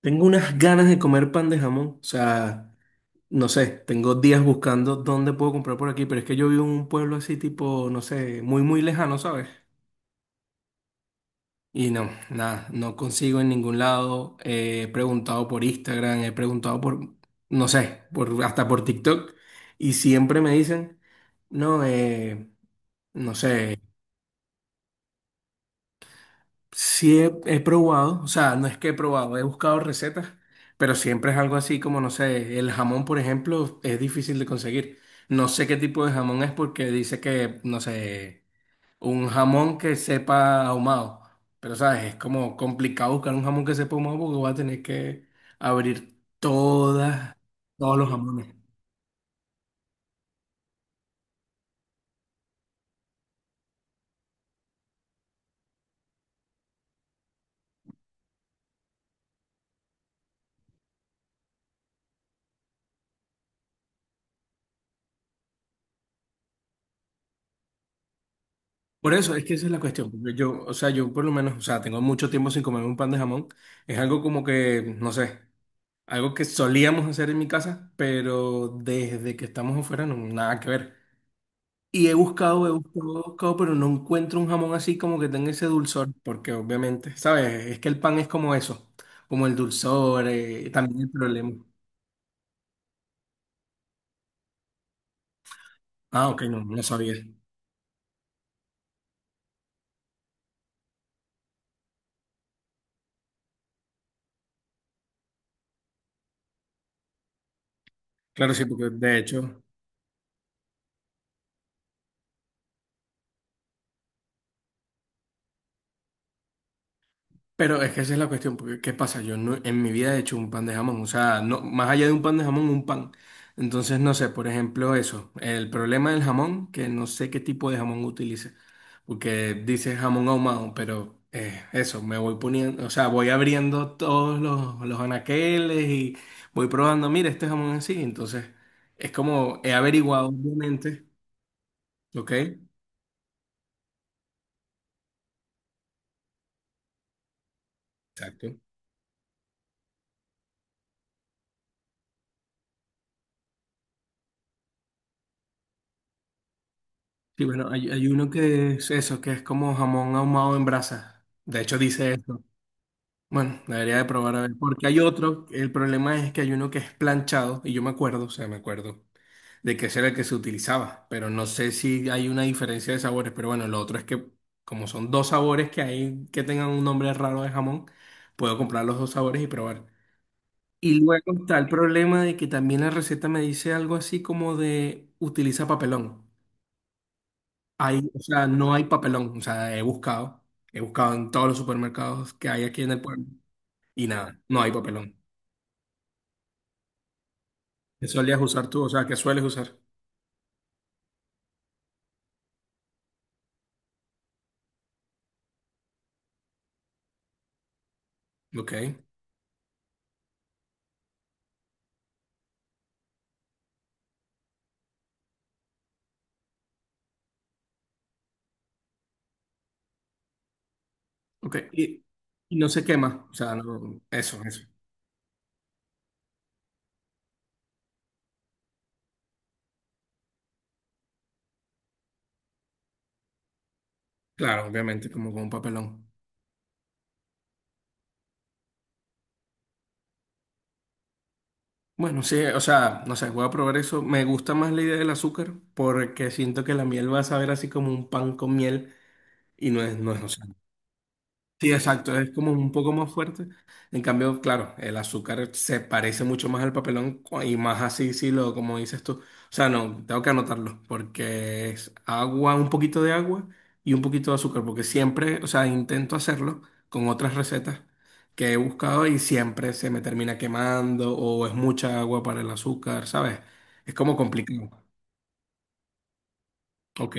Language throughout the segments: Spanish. Tengo unas ganas de comer pan de jamón. O sea, no sé, tengo días buscando dónde puedo comprar por aquí, pero es que yo vivo en un pueblo así tipo, no sé, muy, muy lejano, ¿sabes? Y no, nada, no consigo en ningún lado. He preguntado por Instagram, he preguntado por, no sé, por, hasta por TikTok. Y siempre me dicen, no, no sé. Sí he probado, o sea, no es que he probado, he buscado recetas, pero siempre es algo así como, no sé, el jamón, por ejemplo, es difícil de conseguir. No sé qué tipo de jamón es porque dice que, no sé, un jamón que sepa ahumado, pero sabes, es como complicado buscar un jamón que sepa ahumado porque vas a tener que abrir todas, todos los jamones. Por eso, es que esa es la cuestión. Porque yo, o sea, yo por lo menos, o sea, tengo mucho tiempo sin comer un pan de jamón. Es algo como que, no sé. Algo que solíamos hacer en mi casa, pero desde que estamos afuera no, nada que ver. Y he buscado, he buscado, he buscado, pero no encuentro un jamón así como que tenga ese dulzor, porque obviamente, ¿sabes? Es que el pan es como eso, como el dulzor, también el problema. Ah, ok, no, no sabía. Claro, sí, porque de hecho, pero es que esa es la cuestión, porque ¿qué pasa? Yo no, en mi vida he hecho un pan de jamón, o sea, no, más allá de un pan de jamón, un pan. Entonces, no sé, por ejemplo, eso, el problema del jamón, que no sé qué tipo de jamón utilice, porque dice jamón ahumado, pero eso, me voy poniendo, o sea, voy abriendo todos los anaqueles y voy probando, mira, este jamón así, entonces, es como he averiguado, obviamente, ¿ok? Exacto. Sí, bueno, hay uno que es eso, que es como jamón ahumado en brasa. De hecho, dice eso. Bueno, debería de probar a ver. Porque hay otro, el problema es que hay uno que es planchado, y yo me acuerdo, o sea, me acuerdo de que ese era el que se utilizaba, pero no sé si hay una diferencia de sabores. Pero bueno, lo otro es que, como son dos sabores que hay que tengan un nombre raro de jamón, puedo comprar los dos sabores y probar. Y luego está el problema de que también la receta me dice algo así como de utiliza papelón. Hay, o sea, no hay papelón. O sea, he buscado en todos los supermercados que hay aquí en el pueblo y nada, no hay papelón. ¿Qué solías usar tú? O sea, ¿qué sueles usar? Ok, ok. Y no se quema. O sea, eso, eso. Claro, obviamente, como con un papelón. Bueno, sí, o sea, no sé, voy a probar eso. Me gusta más la idea del azúcar porque siento que la miel va a saber así como un pan con miel y no es, o sea, sí, exacto, es como un poco más fuerte. En cambio, claro, el azúcar se parece mucho más al papelón y más así, sí, lo, como dices tú. O sea, no, tengo que anotarlo, porque es agua, un poquito de agua y un poquito de azúcar, porque siempre, o sea, intento hacerlo con otras recetas que he buscado y siempre se me termina quemando o es mucha agua para el azúcar, ¿sabes? Es como complicado. Ok.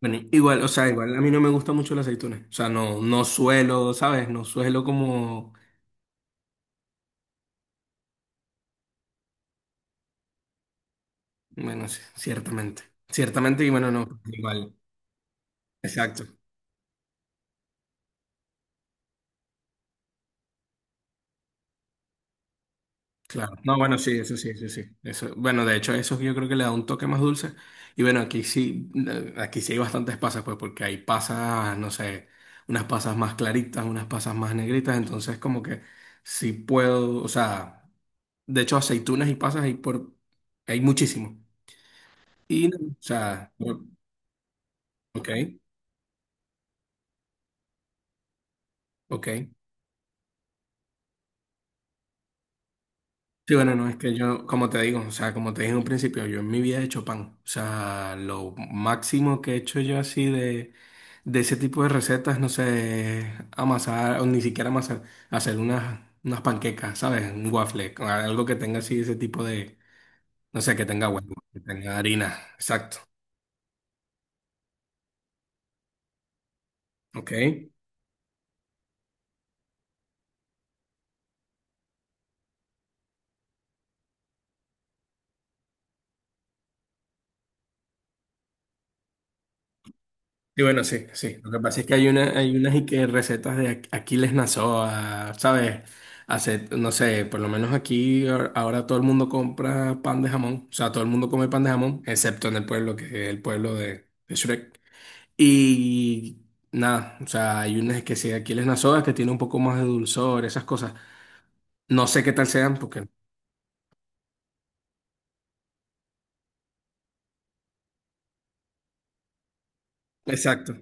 Bueno, igual, o sea, igual a mí no me gusta mucho las aceitunas. O sea, no, no suelo, ¿sabes? No suelo como bueno, sí, ciertamente. Ciertamente, y bueno, no, igual. Exacto, claro. No, bueno, sí, eso sí, eso sí. Eso, bueno, de hecho, eso yo creo que le da un toque más dulce. Y bueno, aquí sí hay bastantes pasas, pues, porque hay pasas, no sé, unas pasas más claritas, unas pasas más negritas, entonces como que sí puedo, o sea, de hecho, aceitunas y pasas hay por, hay muchísimo. Y, no, o sea, ok, ok. Sí, bueno, no, es que yo, como te digo, o sea, como te dije en un principio, yo en mi vida he hecho pan. O sea, lo máximo que he hecho yo así de ese tipo de recetas, no sé, amasar, o ni siquiera amasar, hacer unas panquecas, ¿sabes? Un waffle, con algo que tenga así ese tipo de, no sé, que tenga huevo, que tenga harina, exacto, ¿ok? Y bueno, sí, sí. Lo que pasa es que hay una, hay unas y que recetas de Aquiles Nazoa, ¿sabes? Hace, no sé, por lo menos aquí ahora todo el mundo compra pan de jamón. O sea, todo el mundo come pan de jamón, excepto en el pueblo, que es el pueblo de Shrek. Y nada, o sea, hay unas que sí, de Aquiles Nazoa, que tiene un poco más de dulzor, esas cosas. No sé qué tal sean, porque... Exacto.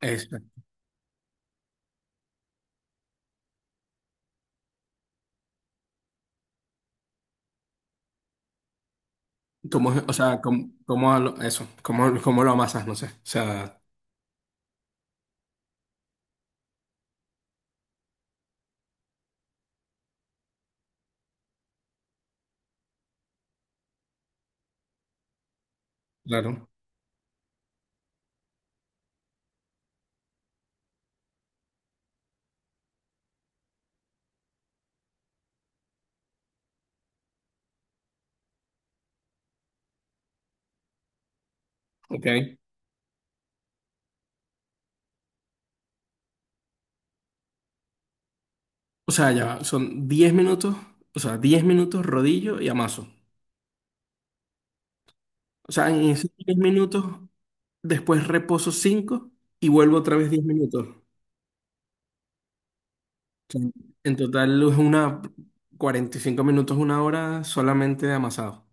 Eso. ¿Cómo, o sea, cómo eso? ¿Cómo lo amasas? No sé. O sea, claro. Ok. O sea, ya va, son 10 minutos, o sea, 10 minutos rodillo y amaso. O sea, en esos 10 minutos, después reposo 5 y vuelvo otra vez 10 minutos. O sea, en total es una 45 minutos, una hora solamente de amasado.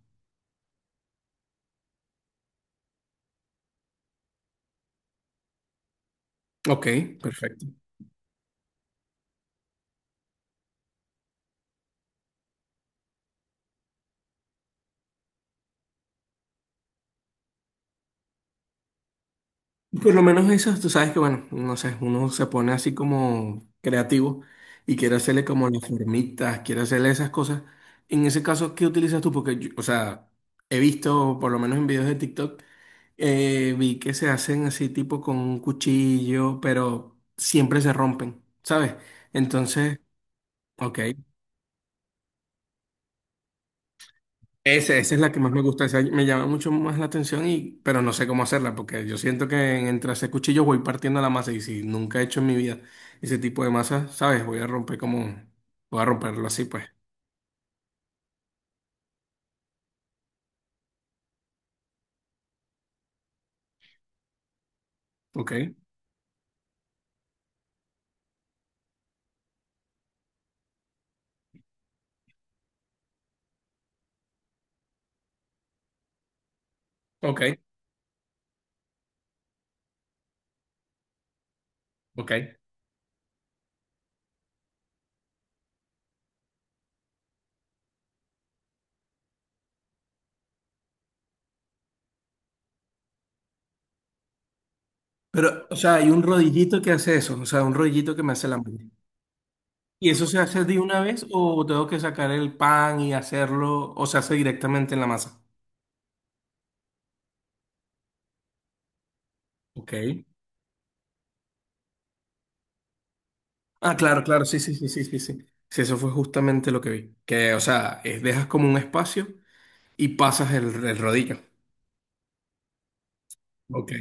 Ok, perfecto. Por lo menos eso, tú sabes que, bueno, no sé, uno se pone así como creativo y quiere hacerle como las formitas, quiere hacerle esas cosas. En ese caso, ¿qué utilizas tú? Porque, o sea, he visto, por lo menos en videos de TikTok, vi que se hacen así tipo con un cuchillo, pero siempre se rompen, ¿sabes? Entonces, ok. Esa es la que más me gusta, esa me llama mucho más la atención, pero no sé cómo hacerla, porque yo siento que entre hacer cuchillos voy partiendo la masa, y si nunca he hecho en mi vida ese tipo de masa, ¿sabes? Voy a romper como, voy a romperlo así, pues. Ok, ok, ok. Pero, o sea, hay un rodillito que hace eso, o sea, un rodillito que me hace la masa. ¿Y eso se hace de una vez o tengo que sacar el pan y hacerlo, o se hace directamente en la masa? Ok. Ah, claro, claro, sí, sí, sí, sí, sí, sí. Sí, eso fue justamente lo que vi. Que, o sea, dejas como un espacio y pasas el rodillo. Ok,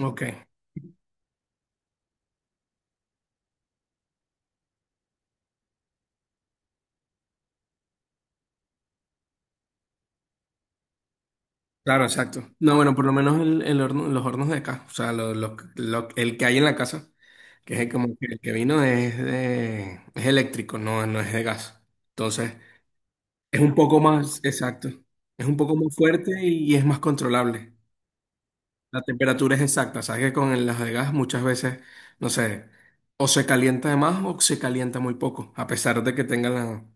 ok. Claro, exacto. No, bueno, por lo menos los hornos de acá, o sea, el que hay en la casa, que es el, como que el que vino es es eléctrico, no, no es de gas. Entonces, es un poco más, exacto, es un poco más fuerte y es más controlable. La temperatura es exacta, sabes que con las de gas muchas veces, no sé, o se calienta de más o se calienta muy poco, a pesar de que tengan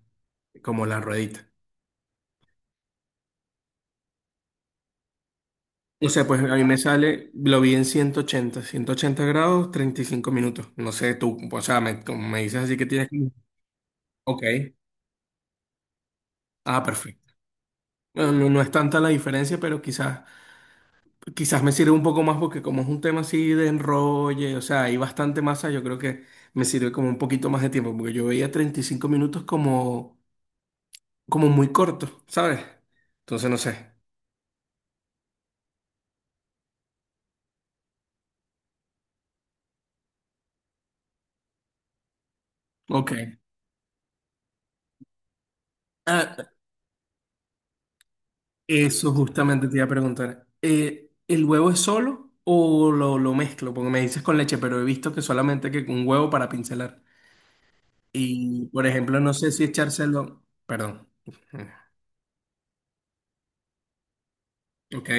como la ruedita. No sé, pues a mí me sale, lo vi en ciento ochenta grados, 35 minutos. No sé, tú, o sea, me, como me dices así que tienes que... Ok, ah, perfecto. No, no, no es tanta la diferencia, pero quizás me sirve un poco más porque como es un tema así de enrolle, o sea, hay bastante masa, yo creo que me sirve como un poquito más de tiempo, porque yo veía 35 minutos como muy corto, ¿sabes? Entonces no sé. Ok. Ah, eso justamente te iba a preguntar. ¿El huevo es solo o lo mezclo? Porque me dices con leche, pero he visto que solamente que un huevo para pincelar. Y, por ejemplo, no sé si echárselo. Perdón. Ok,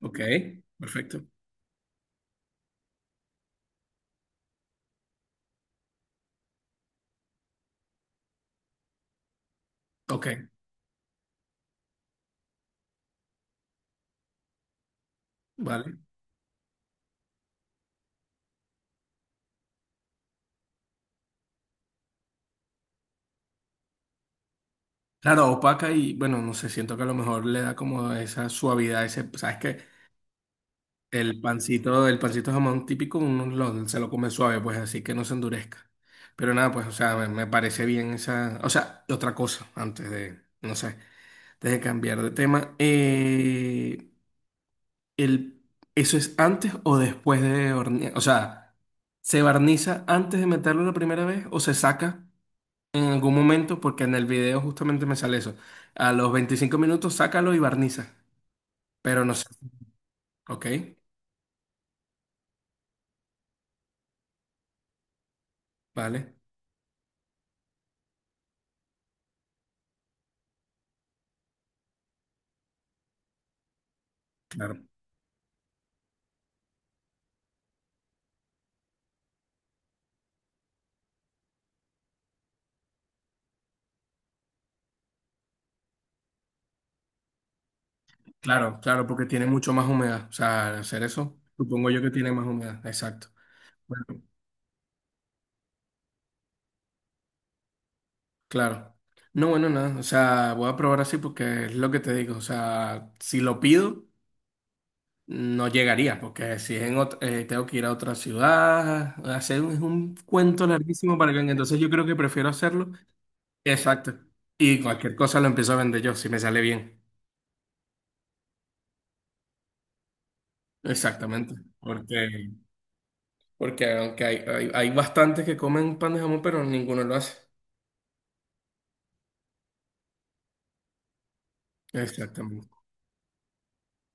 ok, perfecto. Ok, vale. Claro, opaca y bueno, no sé, siento que a lo mejor le da como esa suavidad, ese, ¿sabes qué? El pancito de jamón típico, uno se lo come suave, pues así que no se endurezca. Pero nada, pues, o sea, me parece bien esa. O sea, y otra cosa, antes de, no sé, antes de cambiar de tema. El, ¿Eso es antes o después de hornear? O sea, ¿se barniza antes de meterlo la primera vez o se saca en algún momento? Porque en el video justamente me sale eso. A los 25 minutos, sácalo y barniza. Pero no sé. Ok, vale, claro. Claro, claro, porque tiene mucho más humedad. O sea, al hacer eso, supongo yo que tiene más humedad. Exacto. Bueno, claro. No, bueno, nada. O sea, voy a probar así porque es lo que te digo. O sea, si lo pido, no llegaría, porque si es en otra, tengo que ir a otra ciudad, hacer es un cuento larguísimo para que venga. Entonces yo creo que prefiero hacerlo. Exacto. Y cualquier cosa lo empiezo a vender yo, si me sale bien. Exactamente. Porque, porque aunque hay bastantes que comen pan de jamón, pero ninguno lo hace. Exactamente.